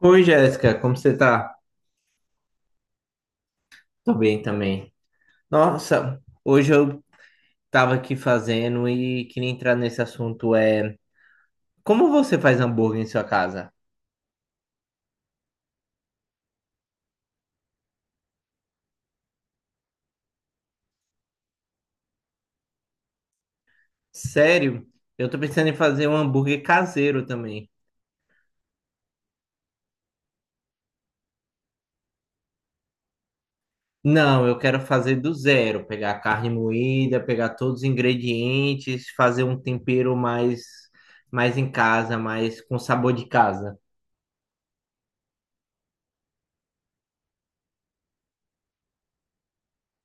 Oi, Jéssica, como você tá? Tô bem também. Nossa, hoje eu tava aqui fazendo e queria entrar nesse assunto. É, como você faz hambúrguer em sua casa? Sério? Eu tô pensando em fazer um hambúrguer caseiro também. Não, eu quero fazer do zero, pegar carne moída, pegar todos os ingredientes, fazer um tempero mais em casa, mais com sabor de casa.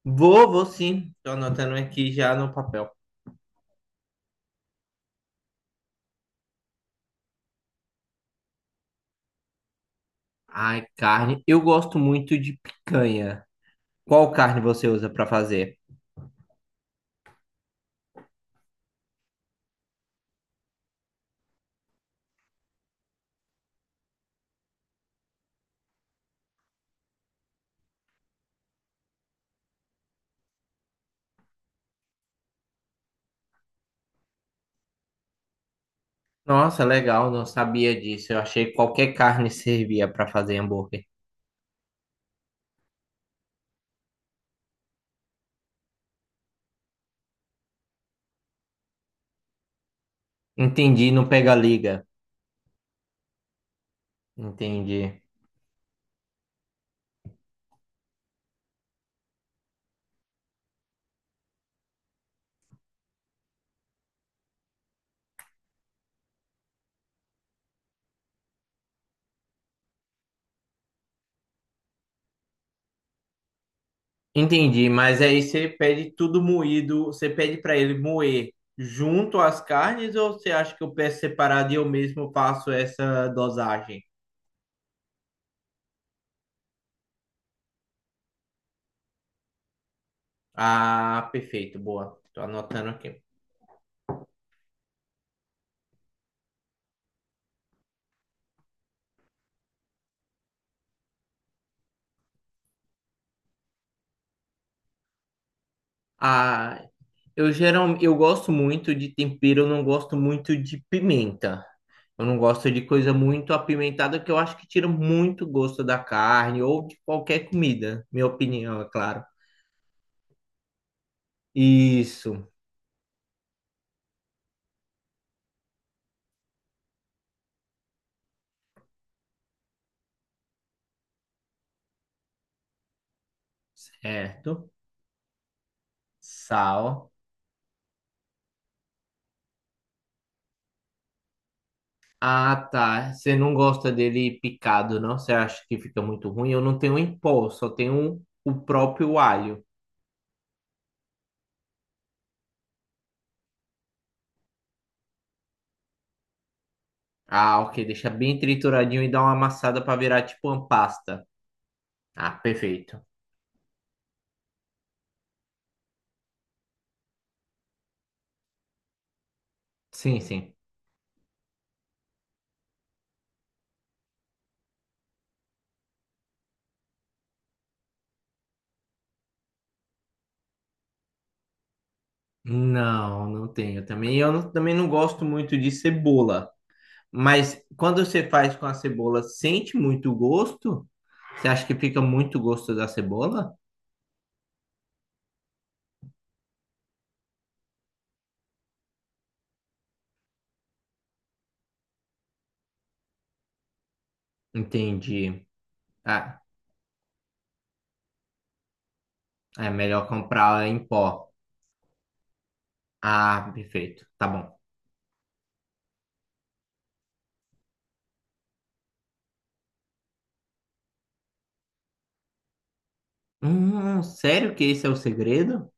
Vou sim. Tô anotando aqui já no papel. Ai, carne. Eu gosto muito de picanha. Qual carne você usa para fazer? Nossa, legal, não sabia disso. Eu achei que qualquer carne servia para fazer hambúrguer. Entendi, não pega liga. Entendi. Entendi, mas aí você pede tudo moído, você pede para ele moer junto às carnes ou você acha que eu peço separado e eu mesmo faço essa dosagem? Ah, perfeito, boa. Tô anotando aqui. Ah, Eu geral, eu gosto muito de tempero, eu não gosto muito de pimenta. Eu não gosto de coisa muito apimentada, que eu acho que tira muito gosto da carne ou de qualquer comida, minha opinião, é claro. Isso, certo. Sal. Ah, tá. Você não gosta dele picado, não? Você acha que fica muito ruim? Eu não tenho em pó, só tenho o próprio alho. Ah, ok. Deixa bem trituradinho e dá uma amassada para virar tipo uma pasta. Ah, perfeito. Sim, sim. Não, não tenho também. Eu não- também não gosto muito de cebola. Mas quando você faz com a cebola, sente muito o gosto? Você acha que fica muito gosto da cebola? Entendi. Ah, é melhor comprar em pó. Ah, perfeito. Tá bom. Sério que esse é o segredo?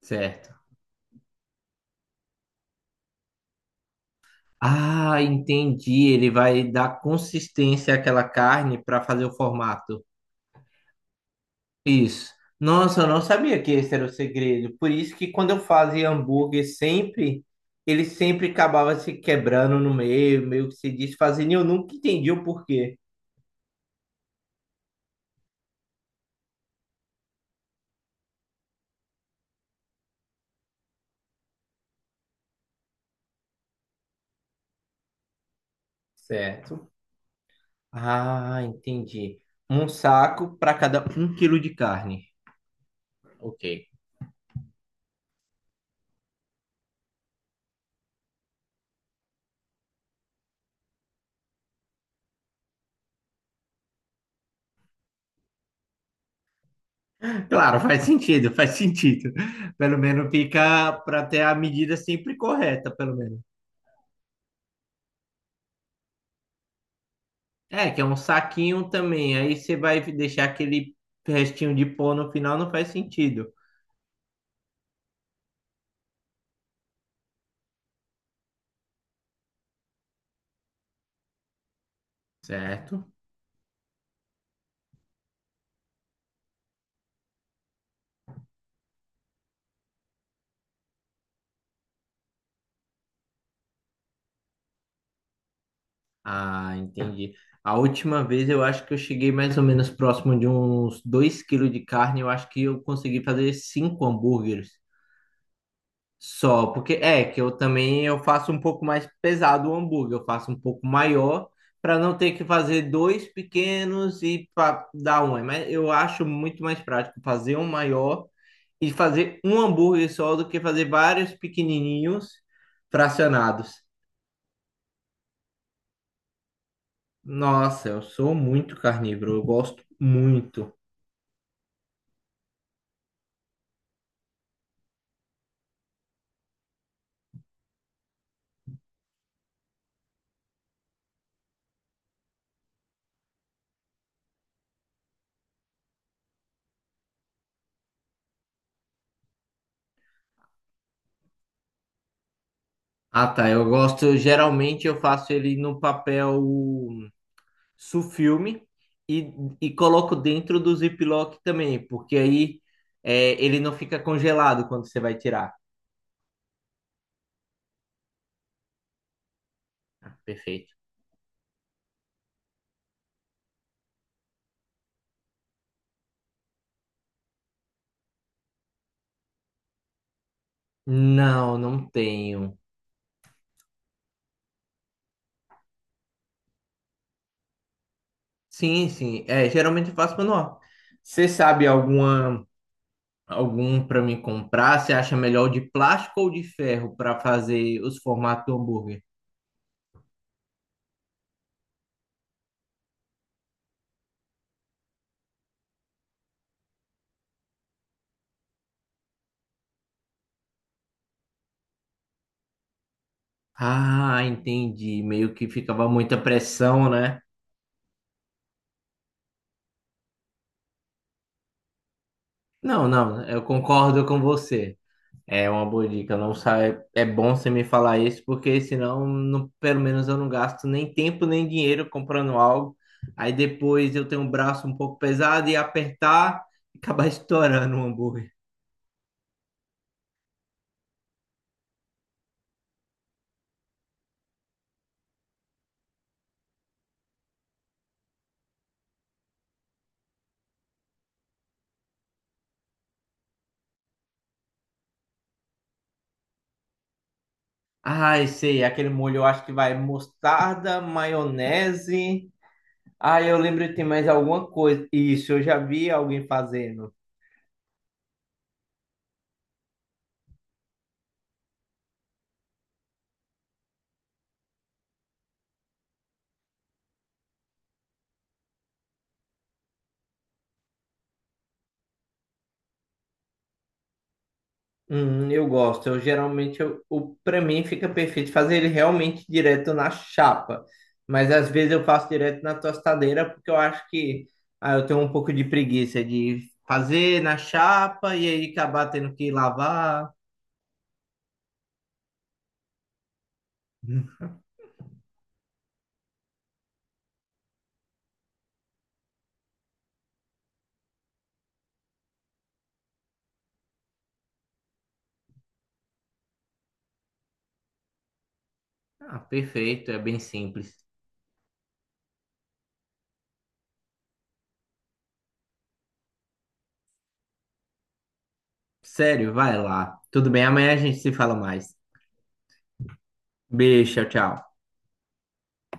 Certo. Ah, entendi. Ele vai dar consistência àquela carne para fazer o formato. Isso. Nossa, eu não sabia que esse era o segredo. Por isso que quando eu fazia hambúrguer sempre, ele sempre acabava se quebrando no meio, meio que se desfazendo, e eu nunca entendi o porquê. Certo. Ah, entendi. Um saco para cada um quilo de carne. Ok. Claro, faz sentido, faz sentido. Pelo menos fica para ter a medida sempre correta, pelo menos. É, que é um saquinho também. Aí você vai deixar aquele restinho de pó no final, não faz sentido. Certo? Ah, entendi. A última vez eu acho que eu cheguei mais ou menos próximo de uns 2 quilos de carne. Eu acho que eu consegui fazer cinco hambúrgueres só. Porque é que eu também eu faço um pouco mais pesado o hambúrguer. Eu faço um pouco maior para não ter que fazer dois pequenos e para dar um. Mas eu acho muito mais prático fazer um maior e fazer um hambúrguer só do que fazer vários pequenininhos fracionados. Nossa, eu sou muito carnívoro, eu gosto muito. Ah, tá, eu gosto, geralmente eu faço ele no papel sulfilme e, e coloco dentro do Ziploc também, porque aí é, ele não fica congelado quando você vai tirar. Perfeito. Não, não tenho. Sim, sim, é, geralmente eu faço manual. Você sabe alguma, algum para me comprar? Você acha melhor o de plástico ou de ferro para fazer os formatos do hambúrguer? Ah, entendi. Meio que ficava muita pressão, né? Não, não, eu concordo com você. É uma boa dica. Não sai... É bom você me falar isso, porque senão, pelo menos, eu não gasto nem tempo nem dinheiro comprando algo. Aí depois eu tenho um braço um pouco pesado e apertar e acabar estourando o hambúrguer. Ai, sei, aquele molho eu acho que vai mostarda, maionese. Ah, eu lembro que tem mais alguma coisa. Isso, eu já vi alguém fazendo. Eu gosto. Eu geralmente, eu, o para mim fica perfeito fazer ele realmente direto na chapa. Mas às vezes eu faço direto na tostadeira porque eu acho que eu tenho um pouco de preguiça de fazer na chapa e aí acabar tendo que lavar. Ah, perfeito, é bem simples. Sério, vai lá. Tudo bem, amanhã a gente se fala mais. Beijo, tchau, tchau.